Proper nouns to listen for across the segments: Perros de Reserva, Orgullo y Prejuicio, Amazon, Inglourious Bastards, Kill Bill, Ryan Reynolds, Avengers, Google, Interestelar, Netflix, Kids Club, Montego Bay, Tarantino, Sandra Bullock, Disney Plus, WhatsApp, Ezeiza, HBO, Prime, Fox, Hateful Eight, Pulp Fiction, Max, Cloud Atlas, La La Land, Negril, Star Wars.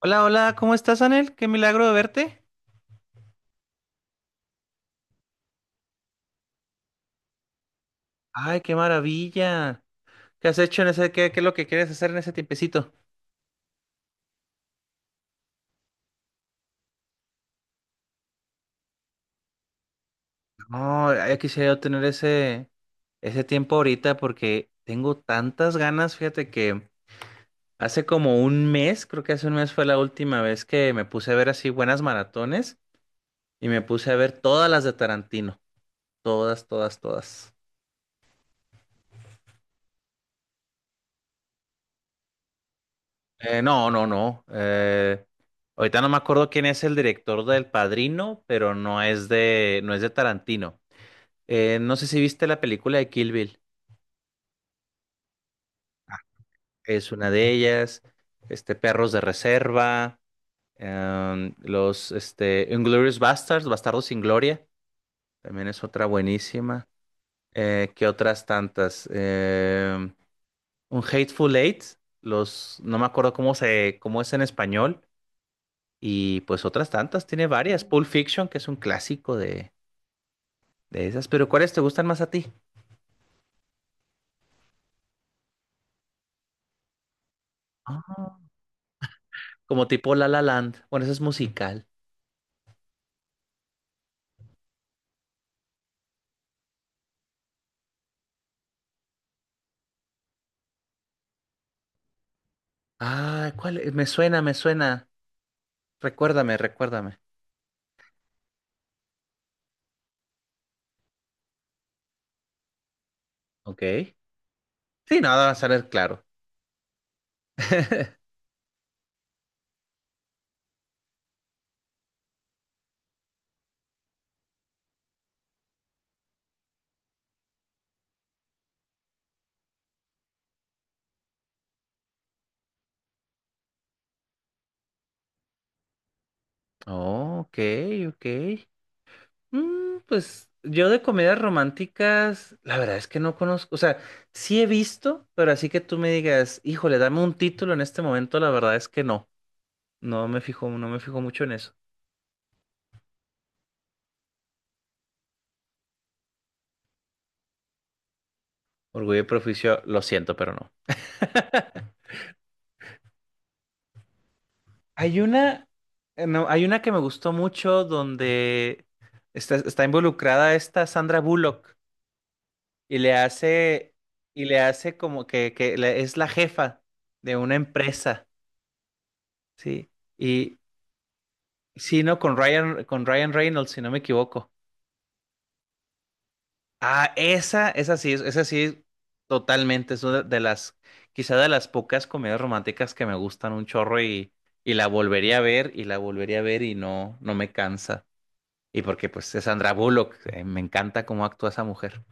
Hola, hola, ¿cómo estás, Anel? Qué milagro de verte. Ay, qué maravilla. ¿Qué has hecho en ese, qué es lo que quieres hacer en ese tiempecito? No, ya quisiera yo tener ese tiempo ahorita porque tengo tantas ganas, fíjate que hace como un mes, creo que hace un mes fue la última vez que me puse a ver así buenas maratones y me puse a ver todas las de Tarantino, todas, todas, todas. No, no, no. Ahorita no me acuerdo quién es el director del Padrino, pero no es de Tarantino. No sé si viste la película de Kill Bill. Es una de ellas. Este, Perros de Reserva. Inglourious Bastards, Bastardos sin Gloria. También es otra buenísima. ¿Qué otras tantas? Un Hateful Eight. No me acuerdo cómo es en español. Y pues otras tantas, tiene varias. Pulp Fiction, que es un clásico de esas. Pero ¿cuáles te gustan más a ti? Ah. Como tipo La La Land. Bueno, eso es musical. Ah, ¿cuál es? Me suena, me suena. Recuérdame, recuérdame. Ok. Sí, nada, va a salir claro. Oh, ok, ok. Pues yo de comedias románticas, la verdad es que no conozco. O sea, sí he visto, pero así que tú me digas, híjole, dame un título en este momento, la verdad es que no. No me fijo, no me fijo mucho en eso. Orgullo y Prejuicio, lo siento, pero no. Hay una, no, hay una que me gustó mucho donde está involucrada esta Sandra Bullock y le hace, y le hace como que es la jefa de una empresa, ¿sí? Y sí, no, con Ryan Reynolds, si no me equivoco. Ah, esa sí, esa sí, totalmente. Es una de las, quizá de las pocas comedias románticas que me gustan un chorro y la volvería a ver y la volvería a ver y no, no me cansa. Y porque pues es Sandra Bullock, me encanta cómo actúa esa mujer.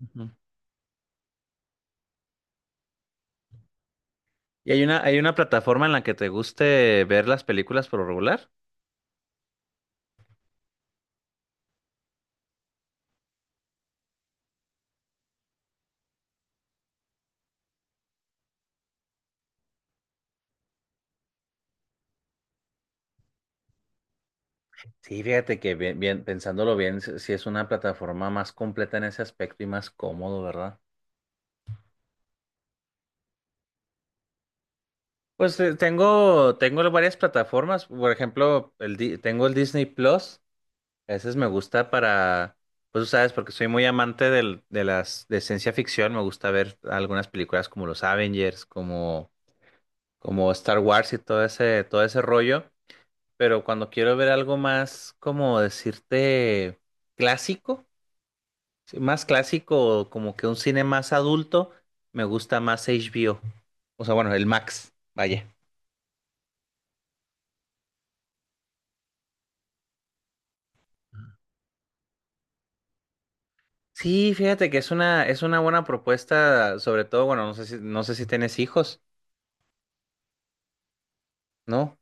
Ujú. ¿Y hay una plataforma en la que te guste ver las películas por lo regular? Sí, fíjate que bien, bien, pensándolo bien, sí sí es una plataforma más completa en ese aspecto y más cómodo, ¿verdad? Pues tengo varias plataformas, por ejemplo, tengo el Disney Plus. Me gusta para, pues tú sabes, porque soy muy amante de las de ciencia ficción, me gusta ver algunas películas como los Avengers, como Star Wars y todo ese rollo, pero cuando quiero ver algo más, como decirte, clásico, sí, más clásico, como que un cine más adulto, me gusta más HBO, o sea, bueno, el Max, vaya. Sí, fíjate que es una buena propuesta, sobre todo, bueno, no sé si tienes hijos, ¿no?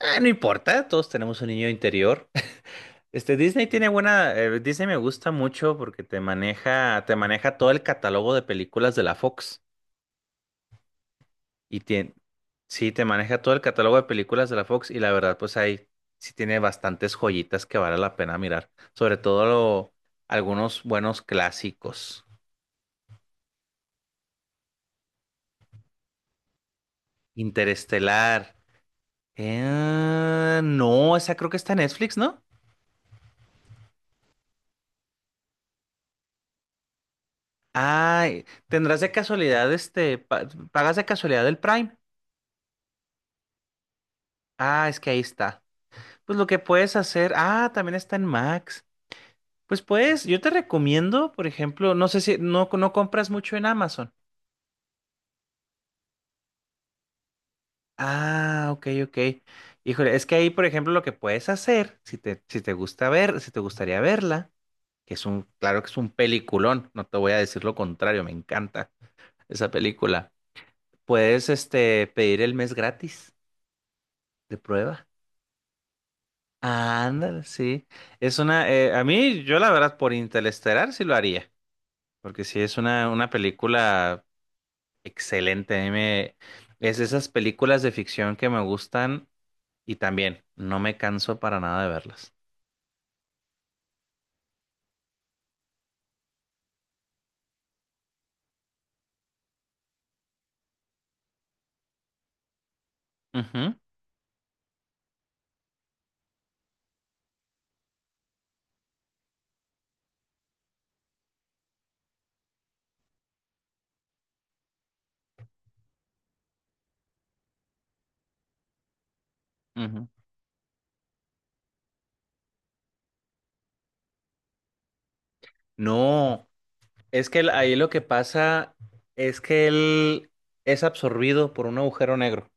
Ah, no importa, todos tenemos un niño interior. Este, Disney tiene buena, Disney me gusta mucho porque te maneja todo el catálogo de películas de la Fox. Y tiene, sí, te maneja todo el catálogo de películas de la Fox y la verdad, pues ahí sí tiene bastantes joyitas que vale la pena mirar. Sobre todo algunos buenos clásicos. Interestelar. No, esa creo que está en Netflix, ¿no? Ay, tendrás de casualidad, este, pagas de casualidad el Prime. Ah, es que ahí está. Pues lo que puedes hacer, ah, también está en Max. Pues puedes, yo te recomiendo, por ejemplo, no sé si no, no compras mucho en Amazon. Ah, ok, ok. Híjole, es que ahí, por ejemplo, lo que puedes hacer, si te gusta ver, si te gustaría verla, que es un, claro que es un peliculón, no te voy a decir lo contrario, me encanta esa película. Puedes, este, pedir el mes gratis de prueba. Ándale, sí. Es una, a mí, yo la verdad, por Interestelar sí lo haría, porque sí es una película excelente. A mí me, es de esas películas de ficción que me gustan y también no me canso para nada de verlas. Ujú, ujú. No, es que ahí lo que pasa es que él es absorbido por un agujero negro.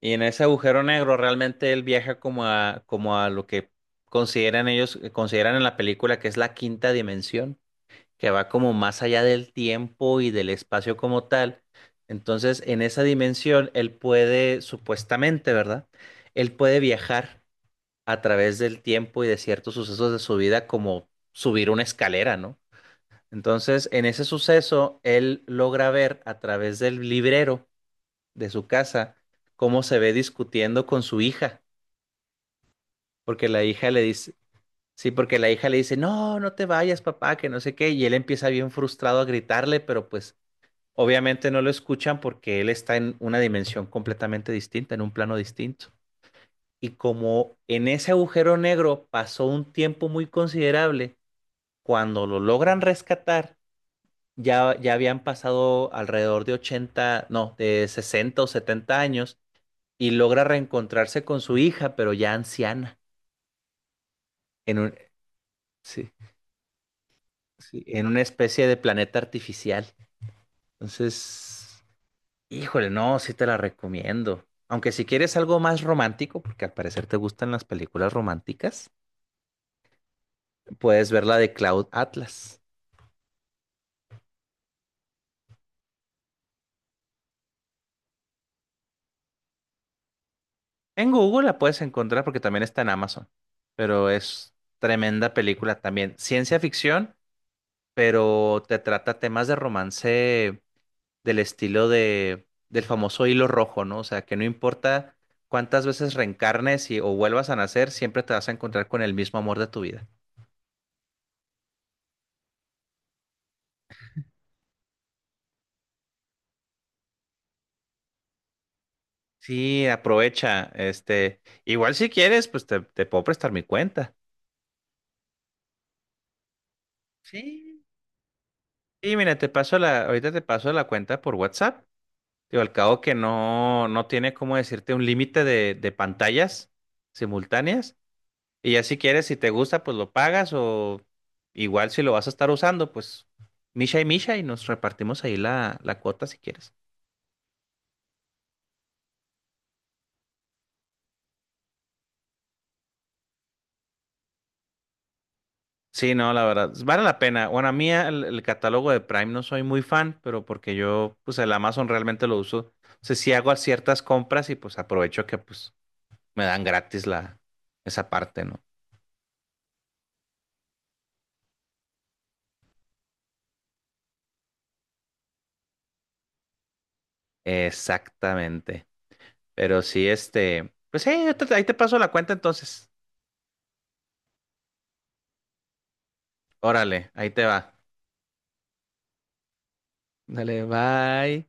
Y en ese agujero negro realmente él viaja como a lo que consideran ellos, consideran en la película que es la quinta dimensión, que va como más allá del tiempo y del espacio como tal. Entonces, en esa dimensión, él puede, supuestamente, ¿verdad? Él puede viajar a través del tiempo y de ciertos sucesos de su vida, como subir una escalera, ¿no? Entonces, en ese suceso, él logra ver a través del librero de su casa cómo se ve discutiendo con su hija, porque la hija le dice, sí, porque la hija le dice, no, no te vayas, papá, que no sé qué, y él empieza bien frustrado a gritarle, pero pues obviamente no lo escuchan porque él está en una dimensión completamente distinta, en un plano distinto. Y como en ese agujero negro pasó un tiempo muy considerable, cuando lo logran rescatar, ya habían pasado alrededor de 80 no, de 60 o 70 años y logra reencontrarse con su hija, pero ya anciana, en un, sí, sí, en una especie de planeta artificial. Entonces, híjole, no, sí te la recomiendo. Aunque si quieres algo más romántico, porque al parecer te gustan las películas románticas, puedes ver la de Cloud Atlas. En Google la puedes encontrar porque también está en Amazon, pero es tremenda película también. Ciencia ficción, pero te trata temas de romance del estilo de, del famoso hilo rojo, ¿no? O sea, que no importa cuántas veces reencarnes y, o vuelvas a nacer, siempre te vas a encontrar con el mismo amor de tu vida. Sí, aprovecha, este, igual si quieres, pues te puedo prestar mi cuenta. Sí. Y mira, te paso la, ahorita te paso la cuenta por WhatsApp. Digo, al cabo que no, no tiene como decirte un límite de pantallas simultáneas. Y ya si quieres, si te gusta, pues lo pagas o igual si lo vas a estar usando, pues Misha y Misha y nos repartimos ahí la cuota si quieres. Sí, no, la verdad, vale la pena. Bueno, a mí el catálogo de Prime no soy muy fan, pero porque yo, pues el Amazon realmente lo uso. O sea, sí hago ciertas compras y pues aprovecho que pues me dan gratis la, esa parte, ¿no? Exactamente. Pero sí, este, pues sí, ahí te paso la cuenta entonces. Órale, ahí te va. Dale, bye.